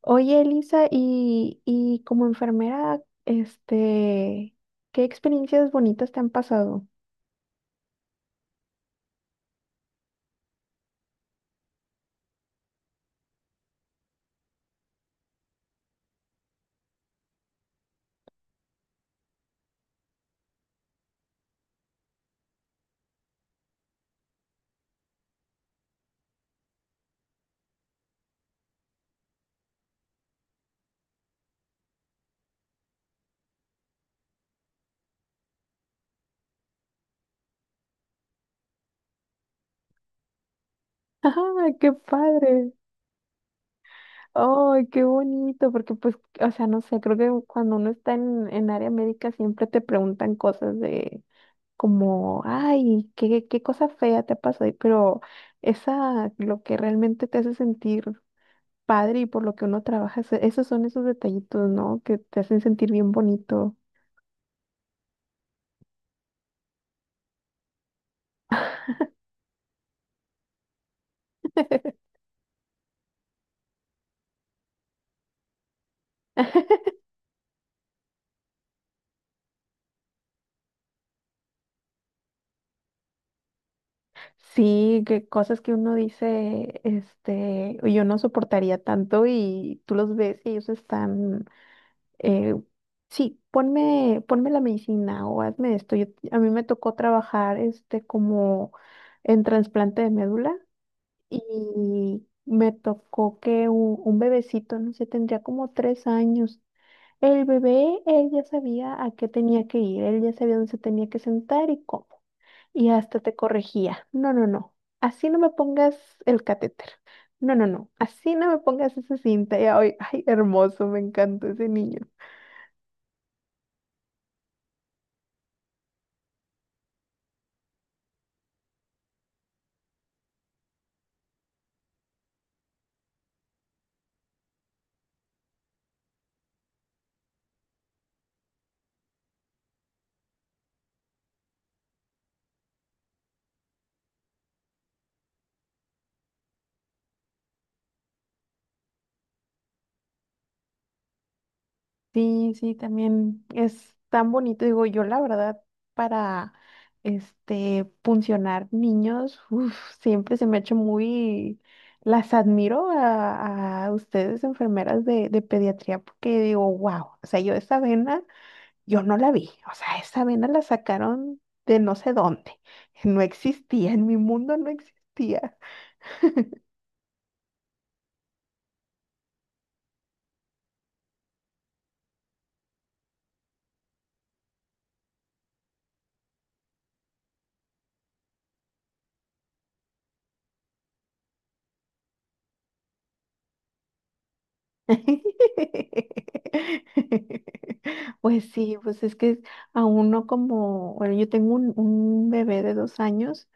Oye, Elisa, y como enfermera, ¿qué experiencias bonitas te han pasado? ¡Ah, qué padre! ¡Ay, qué bonito! Porque pues, o sea, no sé, creo que cuando uno está en área médica siempre te preguntan cosas de como, ay, qué cosa fea te ha pasado, pero esa, lo que realmente te hace sentir padre y por lo que uno trabaja, esos son esos detallitos, ¿no? Que te hacen sentir bien bonito. Sí, que cosas que uno dice, este, yo no soportaría tanto y tú los ves y ellos están, eh, sí, ponme la medicina o hazme esto. A mí me tocó trabajar, este, como en trasplante de médula y me tocó que un bebecito, no sé, tendría como tres años el bebé, él ya sabía a qué tenía que ir, él ya sabía dónde se tenía que sentar y cómo. Y hasta te corregía. No, no, no. Así no me pongas el catéter. No, no, no. Así no me pongas esa cinta. Y hoy, ay, hermoso, me encantó ese niño. Sí, sí, también es tan bonito. Digo, yo la verdad, para este funcionar niños, uf, siempre se me ha hecho muy, las admiro a ustedes, enfermeras de pediatría, porque digo, wow, o sea, yo esa vena, yo no la vi. O sea, esa vena la sacaron de no sé dónde. No existía, en mi mundo no existía. Pues sí, pues es que a uno como, bueno, yo tengo un bebé de dos años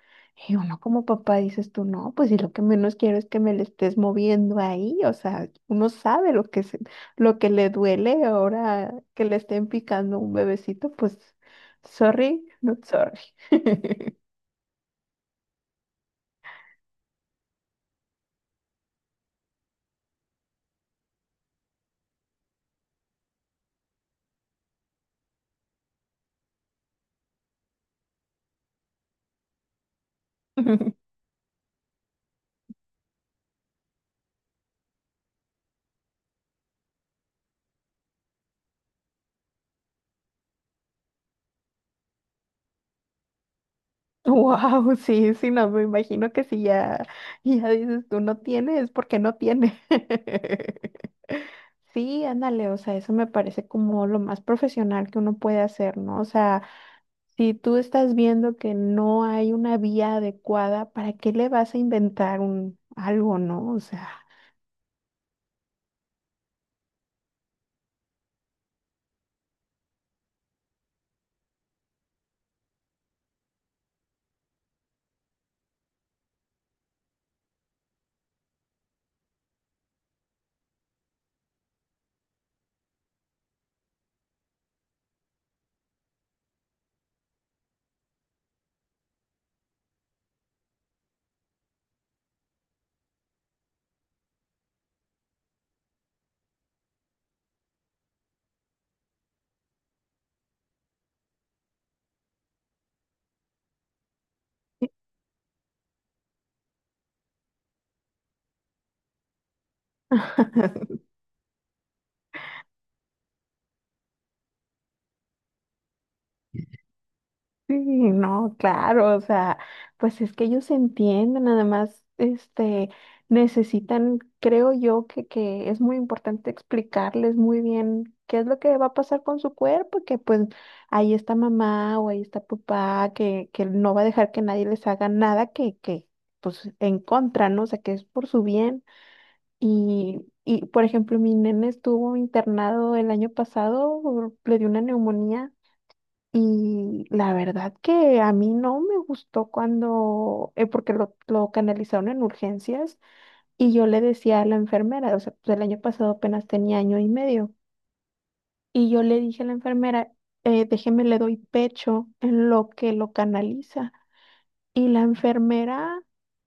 y uno como papá dices tú, no, pues si lo que menos quiero es que me le estés moviendo ahí, o sea, uno sabe lo que le duele ahora que le estén picando un bebecito, pues sorry, not sorry. Wow, sí, sí, no, me imagino que si ya, ya dices tú no tiene es porque no tiene. Sí, ándale, o sea, eso me parece como lo más profesional que uno puede hacer, ¿no? O sea, si tú estás viendo que no hay una vía adecuada, ¿para qué le vas a inventar un algo, no? O sea. Sí, no, claro, o sea, pues es que ellos entienden, además, este, necesitan, creo yo, que es muy importante explicarles muy bien qué es lo que va a pasar con su cuerpo, que pues ahí está mamá o ahí está papá, que no va a dejar que nadie les haga nada pues, en contra, ¿no? O sea, que es por su bien. Por ejemplo, mi nene estuvo internado el año pasado, le dio una neumonía. Y la verdad que a mí no me gustó cuando, porque lo canalizaron en urgencias y yo le decía a la enfermera, o sea, pues el año pasado apenas tenía año y medio, y yo le dije a la enfermera, déjeme le doy pecho en lo que lo canaliza. Y la enfermera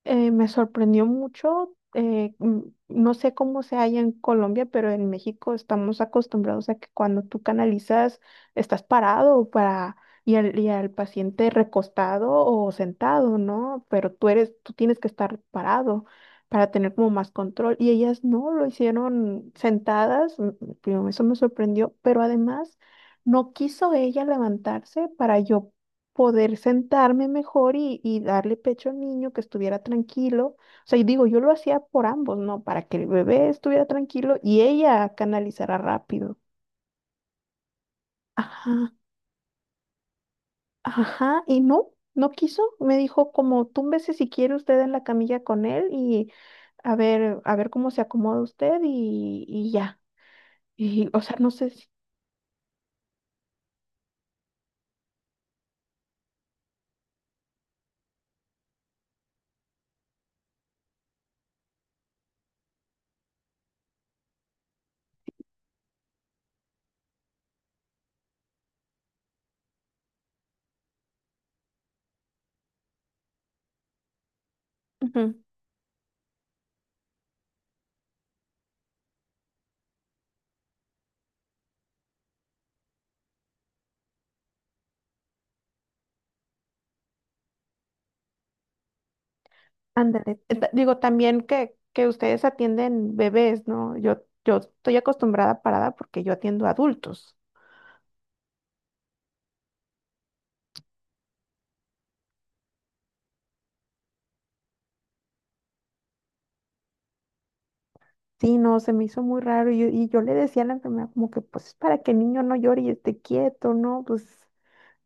me sorprendió mucho. No sé cómo sea allá en Colombia, pero en México estamos acostumbrados a que cuando tú canalizas, estás parado para, y al paciente recostado o sentado, ¿no? Pero tú eres, tú tienes que estar parado para tener como más control. Y ellas no lo hicieron sentadas. Eso me sorprendió, pero además no quiso ella levantarse para yo poder sentarme mejor y darle pecho al niño, que estuviera tranquilo. O sea, y digo, yo lo hacía por ambos, ¿no? Para que el bebé estuviera tranquilo y ella canalizara rápido. Ajá, ajá, y no, no quiso. Me dijo como, túmbese si quiere usted en la camilla con él y a ver cómo se acomoda usted y ya. Y, o sea, no sé si... Ujú. Ándale. Digo, también que ustedes atienden bebés, ¿no? Yo estoy acostumbrada a parada porque yo atiendo adultos. Sí, no, se me hizo muy raro y yo le decía a la enfermera como que pues es para que el niño no llore y esté quieto, ¿no? Pues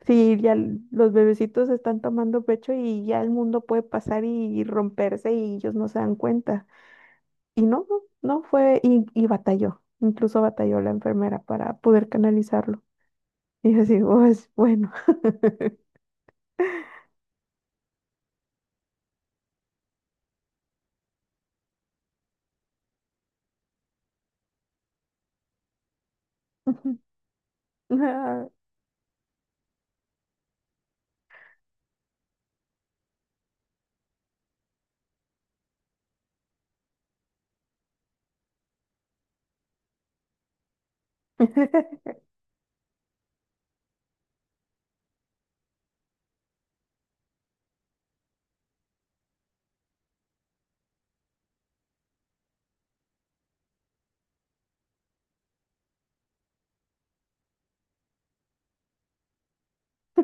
sí, ya los bebecitos están tomando pecho y ya el mundo puede pasar y, romperse y ellos no se dan cuenta. Y no, no, no fue, y batalló, incluso batalló la enfermera para poder canalizarlo. Y yo así, pues bueno. Ah.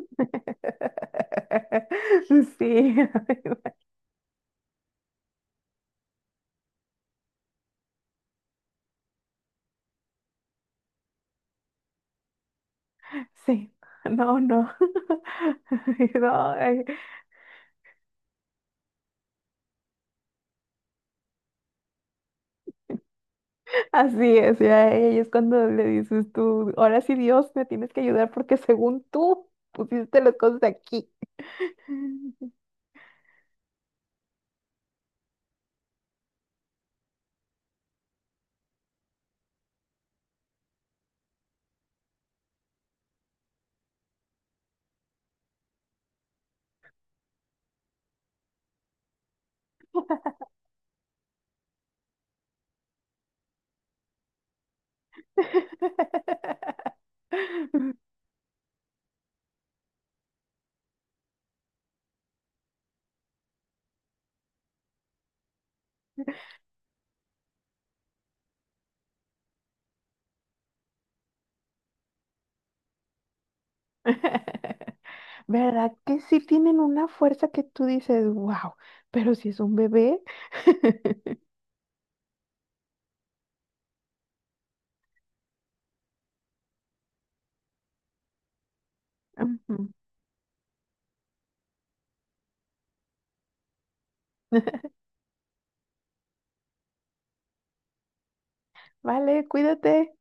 Sí, sí, no, no. No, ay, así es, ya ahí es cuando le dices tú, ahora sí Dios, me tienes que ayudar porque según tú pusiste las cosas aquí. ¿Verdad que sí tienen una fuerza que tú dices, wow, pero si es un bebé? Ujú. Vale, cuídate.